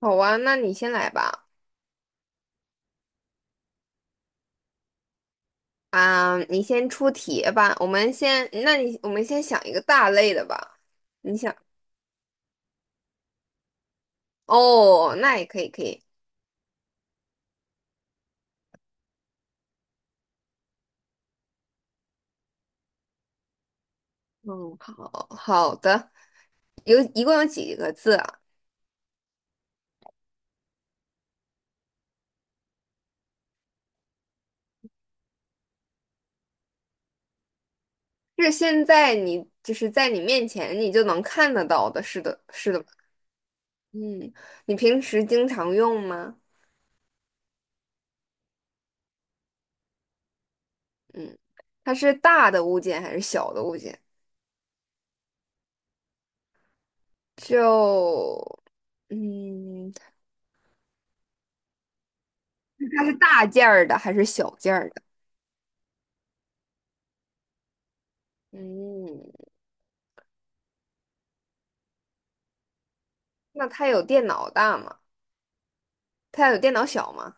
好啊，那你先来吧。你先出题吧。我们先想一个大类的吧。你想，哦，那也可以，可以。嗯，好的。共有几个字啊？是现在你就是在你面前你就能看得到的，是的，是的吧。嗯，你平时经常用吗？嗯，它是大的物件还是小的物件？就嗯，它是大件儿的还是小件儿的？嗯，那它有电脑大吗？它有电脑小吗？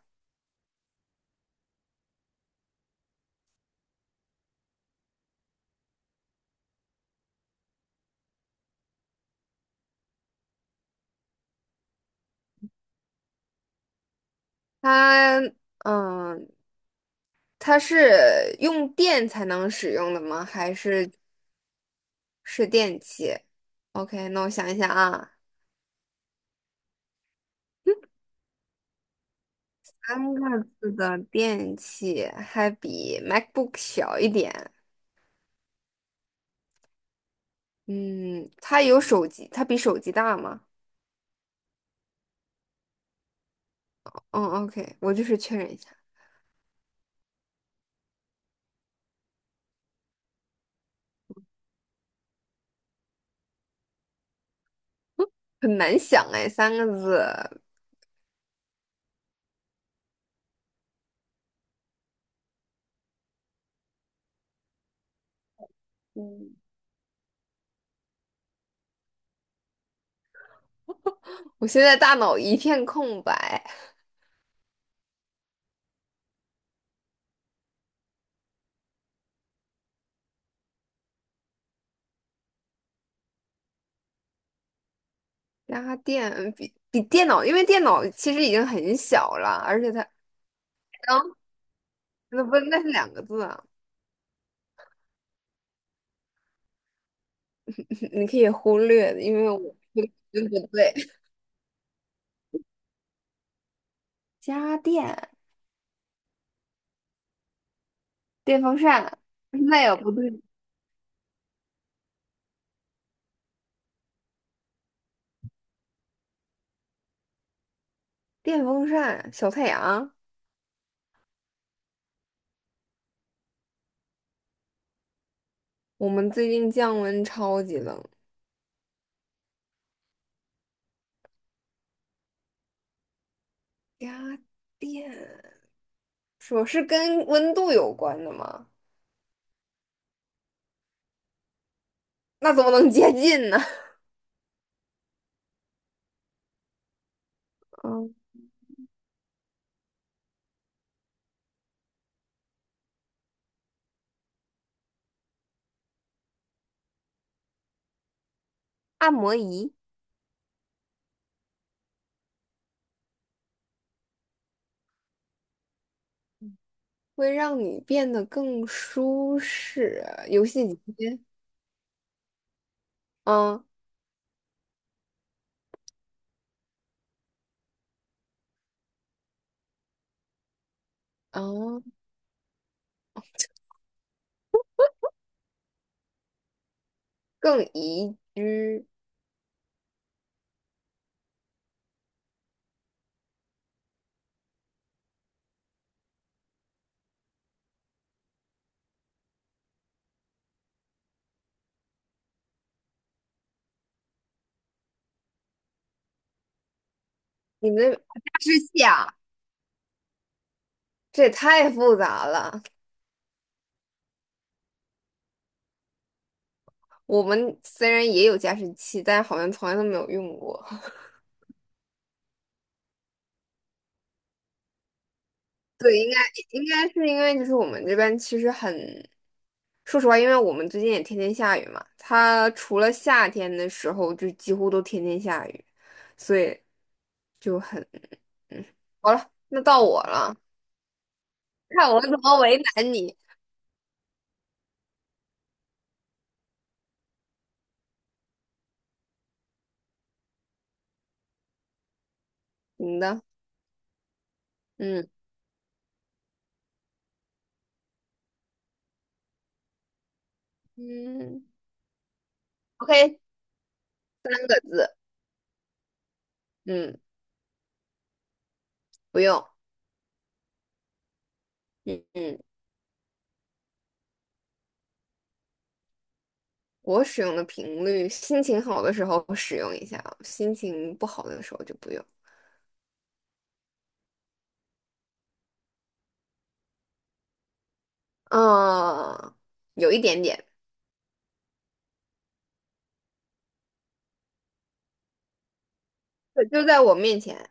它嗯，它是用电才能使用的吗？还是是电器？OK，那我想一想啊，三个字的电器还比 MacBook 小一点。嗯，它比手机大吗？嗯，OK，我就是确认一下，很难想哎，三个字，嗯，我现在大脑一片空白。家电比电脑，因为电脑其实已经很小了，而且它，然那不那是两个字啊。你可以忽略的，因为我 不对，家电电风扇，那也不对。电风扇小太阳，我们最近降温超级冷。家电说是跟温度有关的吗？那怎么能接近呢？嗯，按摩仪会让你变得更舒适啊，游戏机。嗯，哦，更宜居。你们那加湿器啊，这也太复杂了。我们虽然也有加湿器，但好像从来都没有用过。对，应该是因为就是我们这边其实很，说实话，因为我们最近也天天下雨嘛，它除了夏天的时候就几乎都天天下雨，所以就很，嗯，好了，那到我了。看我怎么为难你。你的，嗯嗯，OK，四个字，嗯。不用，嗯嗯，我使用的频率，心情好的时候使用一下，心情不好的时候就不用。嗯，有一点点，对就在我面前。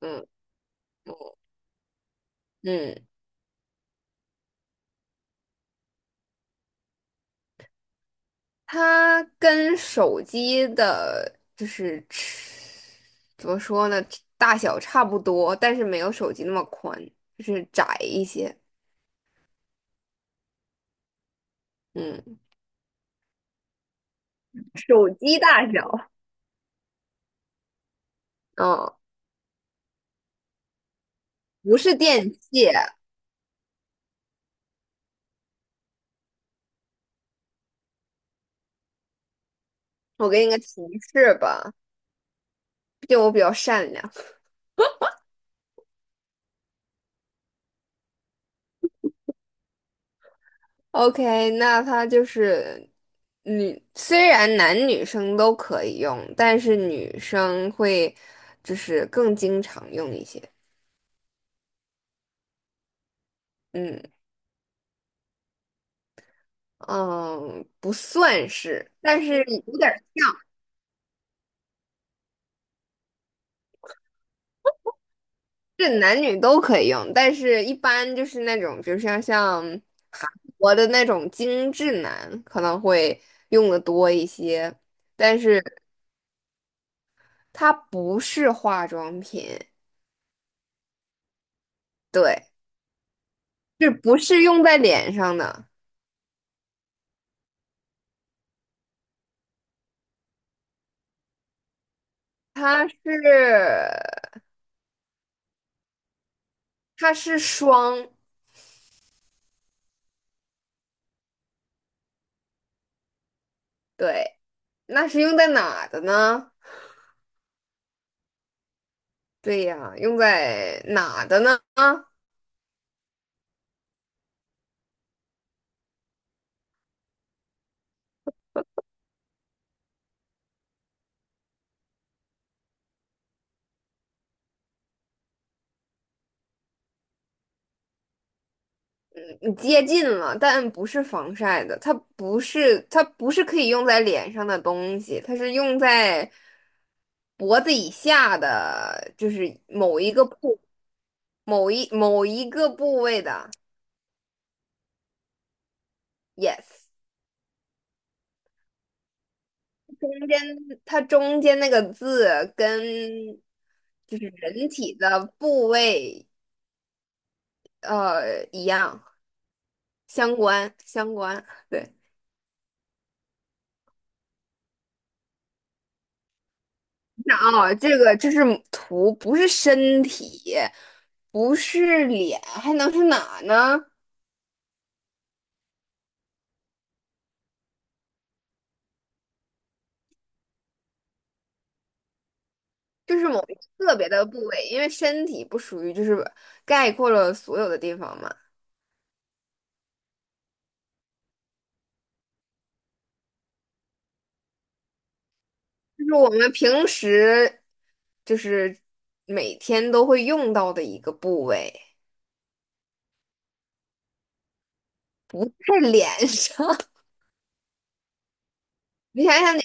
嗯嗯，它跟手机的，就是怎么说呢，大小差不多，但是没有手机那么宽，就是窄一些。嗯，手机大小，嗯，不是电器。我给你个提示吧，毕竟我比较善良。OK，那它就是女，虽然男女生都可以用，但是女生会就是更经常用一些。嗯嗯，不算是，但是有点儿是男女都可以用，但是一般就是那种，比如像我的那种精致男可能会用的多一些，但是它不是化妆品，对，是不是用在脸上的？它是它是霜，对，那是用在哪的呢？对呀，用在哪的呢？你接近了，但不是防晒的，它不是可以用在脸上的东西，它是用在脖子以下的，就是某一个部位的。Yes，中间它中间那个字跟就是人体的部位一样，相关。对，你想啊，这是图，不是身体，不是脸，还能是哪呢？就是某一个特别的部位，因为身体不属于，就是概括了所有的地方嘛。就是我们平时，就是每天都会用到的一个部位，是脸上。你想想你，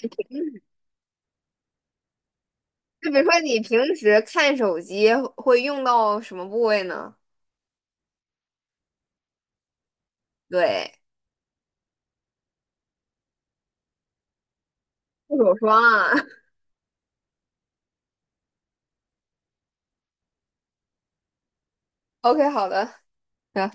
就比如说你平时看手机会用到什么部位呢？对。护手霜，OK，啊 OK，好的，行。